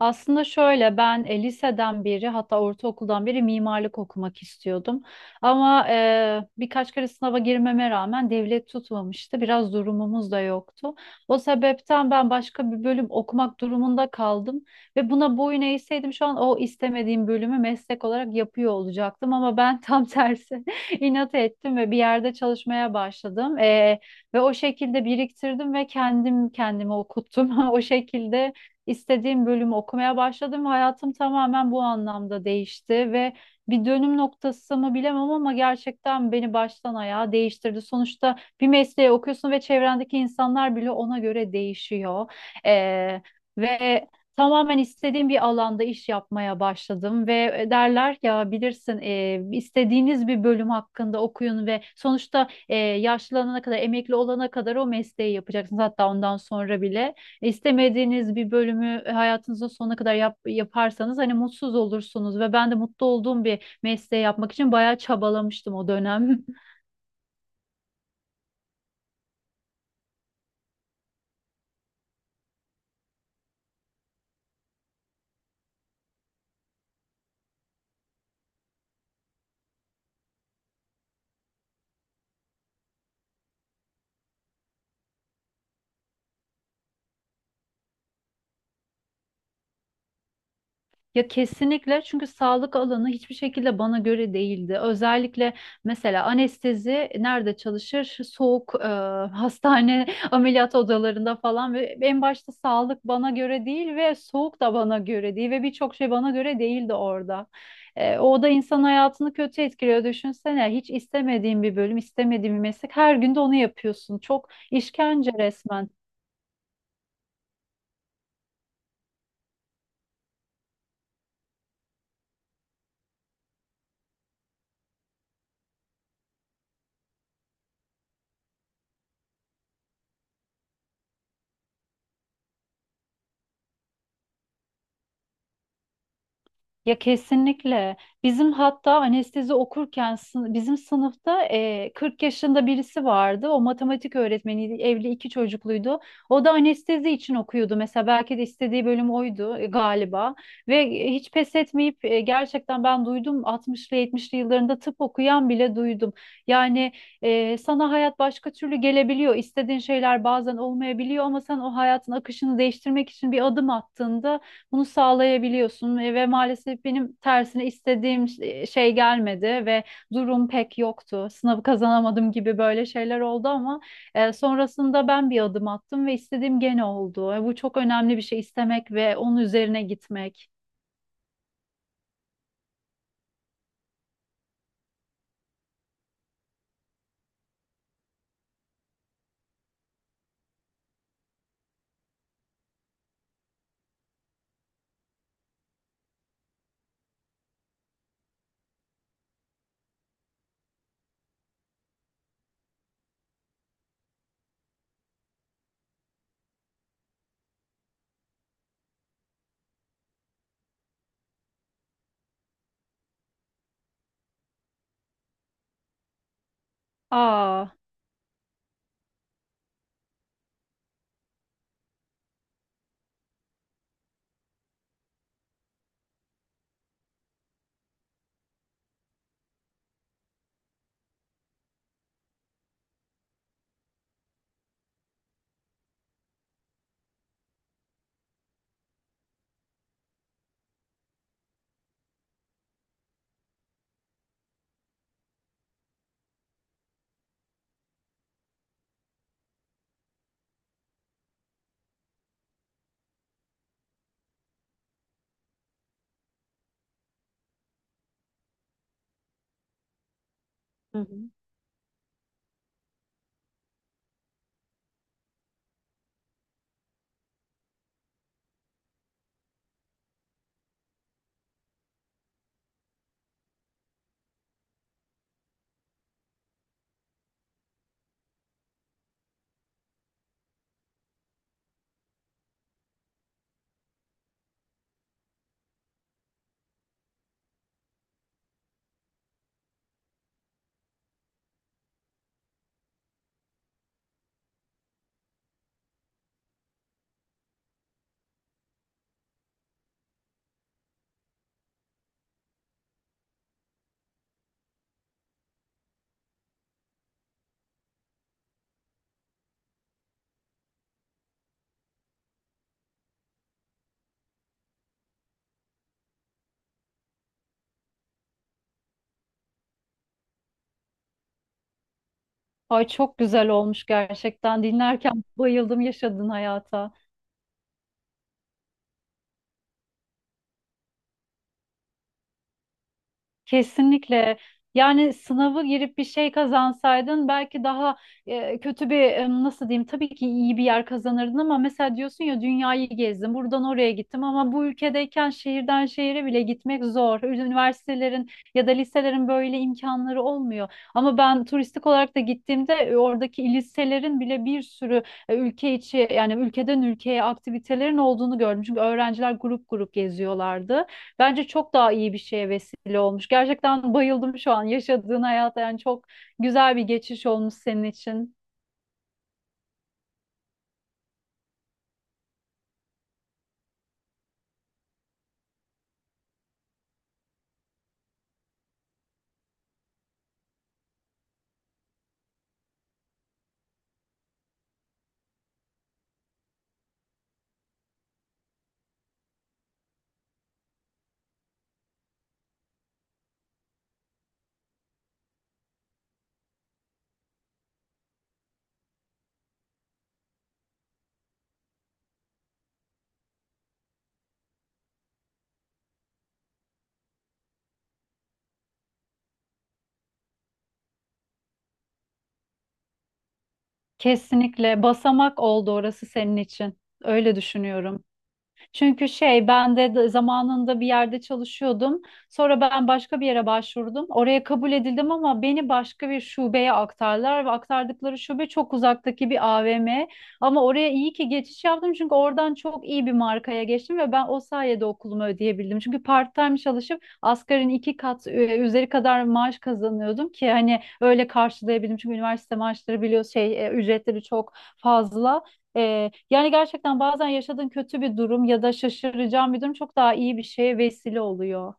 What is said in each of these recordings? Aslında şöyle ben liseden beri hatta ortaokuldan beri mimarlık okumak istiyordum. Ama birkaç kere sınava girmeme rağmen devlet tutmamıştı. Biraz durumumuz da yoktu. O sebepten ben başka bir bölüm okumak durumunda kaldım. Ve buna boyun eğseydim şu an o istemediğim bölümü meslek olarak yapıyor olacaktım. Ama ben tam tersi inat ettim ve bir yerde çalışmaya başladım. Ve o şekilde biriktirdim ve kendim kendime okuttum. O şekilde istediğim bölümü okumaya başladım ve hayatım tamamen bu anlamda değişti ve bir dönüm noktası mı bilemem ama gerçekten beni baştan ayağa değiştirdi. Sonuçta bir mesleği okuyorsun ve çevrendeki insanlar bile ona göre değişiyor. Ee, Ve tamamen istediğim bir alanda iş yapmaya başladım ve derler ya, bilirsin, istediğiniz bir bölüm hakkında okuyun ve sonuçta, yaşlanana kadar, emekli olana kadar o mesleği yapacaksınız, hatta ondan sonra bile. İstemediğiniz bir bölümü hayatınızın sonuna kadar yaparsanız hani mutsuz olursunuz ve ben de mutlu olduğum bir mesleği yapmak için bayağı çabalamıştım o dönem. Ya kesinlikle, çünkü sağlık alanı hiçbir şekilde bana göre değildi. Özellikle mesela anestezi nerede çalışır? Soğuk, hastane ameliyat odalarında falan ve en başta sağlık bana göre değil ve soğuk da bana göre değil ve birçok şey bana göre değildi orada. O da insan hayatını kötü etkiliyor. Düşünsene, hiç istemediğin bir bölüm, istemediğin bir meslek. Her gün de onu yapıyorsun. Çok işkence resmen. Ya kesinlikle. Bizim hatta anestezi okurken bizim sınıfta 40 yaşında birisi vardı. O matematik öğretmeniydi. Evli iki çocukluydu. O da anestezi için okuyordu. Mesela belki de istediği bölüm oydu, galiba. Ve hiç pes etmeyip gerçekten ben duydum, 60'lı 70'li yıllarında tıp okuyan bile duydum. Yani sana hayat başka türlü gelebiliyor. İstediğin şeyler bazen olmayabiliyor ama sen o hayatın akışını değiştirmek için bir adım attığında bunu sağlayabiliyorsun ve maalesef benim tersine istediğim şey gelmedi ve durum pek yoktu. Sınavı kazanamadım gibi böyle şeyler oldu ama sonrasında ben bir adım attım ve istediğim gene oldu. Bu çok önemli bir şey, istemek ve onun üzerine gitmek. Aa. Hı hı. Ay, çok güzel olmuş gerçekten. Dinlerken bayıldım yaşadığın hayata. Kesinlikle. Yani sınavı girip bir şey kazansaydın belki daha kötü bir, nasıl diyeyim, tabii ki iyi bir yer kazanırdın, ama mesela diyorsun ya, dünyayı gezdim, buradan oraya gittim, ama bu ülkedeyken şehirden şehire bile gitmek zor. Üniversitelerin ya da liselerin böyle imkanları olmuyor. Ama ben turistik olarak da gittiğimde oradaki liselerin bile bir sürü ülke içi, yani ülkeden ülkeye aktivitelerin olduğunu gördüm. Çünkü öğrenciler grup grup geziyorlardı. Bence çok daha iyi bir şeye vesile olmuş. Gerçekten bayıldım şu an yaşadığın hayata. Yani çok güzel bir geçiş olmuş senin için. Kesinlikle basamak oldu orası senin için. Öyle düşünüyorum. Çünkü şey, ben de de zamanında bir yerde çalışıyordum. Sonra ben başka bir yere başvurdum. Oraya kabul edildim ama beni başka bir şubeye aktardılar ve aktardıkları şube çok uzaktaki bir AVM. Ama oraya iyi ki geçiş yaptım çünkü oradan çok iyi bir markaya geçtim ve ben o sayede okulumu ödeyebildim. Çünkü part-time çalışıp asgarin iki kat üzeri kadar maaş kazanıyordum ki hani öyle karşılayabildim. Çünkü üniversite maaşları biliyorsun, şey, ücretleri çok fazla. Yani gerçekten bazen yaşadığın kötü bir durum ya da şaşıracağın bir durum çok daha iyi bir şeye vesile oluyor.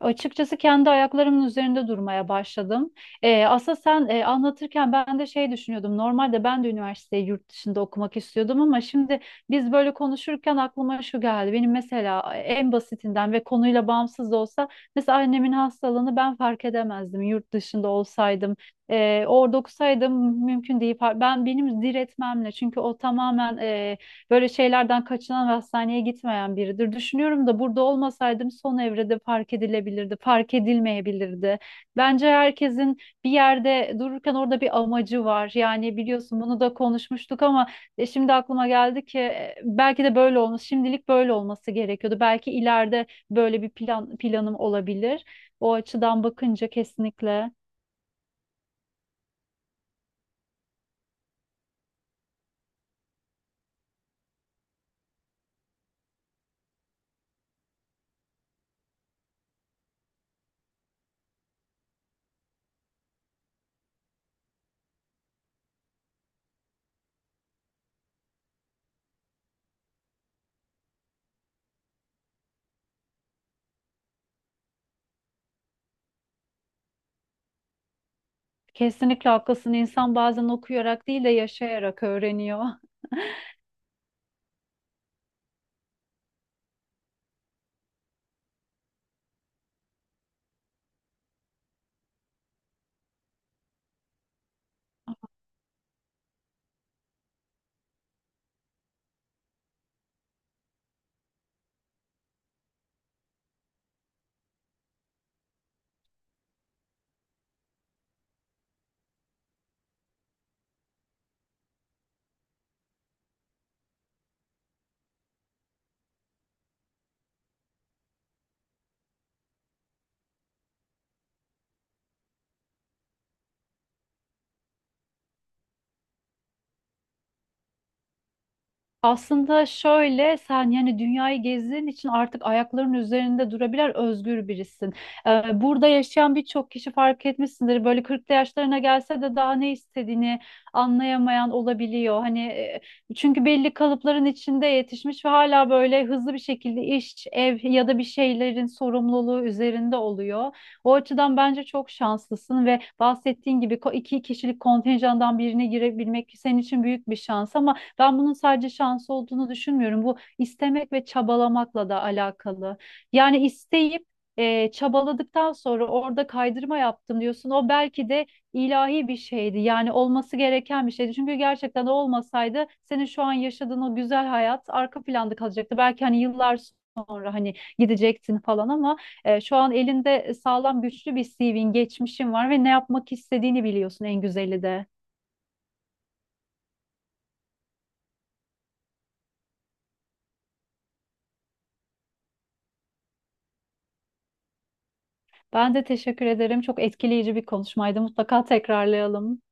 Açıkçası kendi ayaklarımın üzerinde durmaya başladım. Aslında sen anlatırken ben de şey düşünüyordum. Normalde ben de üniversiteyi yurt dışında okumak istiyordum ama şimdi biz böyle konuşurken aklıma şu geldi. Benim mesela en basitinden ve konuyla bağımsız da olsa mesela annemin hastalığını ben fark edemezdim yurt dışında olsaydım. Orada okusaydım mümkün değil. Ben benim diretmemle, çünkü o tamamen, böyle şeylerden kaçınan ve hastaneye gitmeyen biridir. Düşünüyorum da burada olmasaydım son evrede fark edilebilirdi, fark edilmeyebilirdi. Bence herkesin bir yerde dururken orada bir amacı var. Yani biliyorsun bunu da konuşmuştuk ama şimdi aklıma geldi ki belki de böyle olmuş. Şimdilik böyle olması gerekiyordu. Belki ileride böyle bir planım olabilir. O açıdan bakınca kesinlikle kesinlikle haklısın. İnsan bazen okuyarak değil de yaşayarak öğreniyor. Aslında şöyle, sen yani dünyayı gezdiğin için artık ayaklarının üzerinde durabilen özgür birisin. Burada yaşayan birçok kişi fark etmişsindir. Böyle 40'lı yaşlarına gelse de daha ne istediğini anlayamayan olabiliyor. Hani, çünkü belli kalıpların içinde yetişmiş ve hala böyle hızlı bir şekilde iş, ev ya da bir şeylerin sorumluluğu üzerinde oluyor. O açıdan bence çok şanslısın ve bahsettiğin gibi iki kişilik kontenjandan birine girebilmek senin için büyük bir şans, ama ben bunun sadece şans olduğunu düşünmüyorum. Bu istemek ve çabalamakla da alakalı. Yani isteyip çabaladıktan sonra orada kaydırma yaptım diyorsun. O belki de ilahi bir şeydi. Yani olması gereken bir şeydi. Çünkü gerçekten o olmasaydı senin şu an yaşadığın o güzel hayat arka planda kalacaktı. Belki hani yıllar sonra hani gidecektin falan ama şu an elinde sağlam güçlü bir CV'in, geçmişin var ve ne yapmak istediğini biliyorsun, en güzeli de. Ben de teşekkür ederim. Çok etkileyici bir konuşmaydı. Mutlaka tekrarlayalım.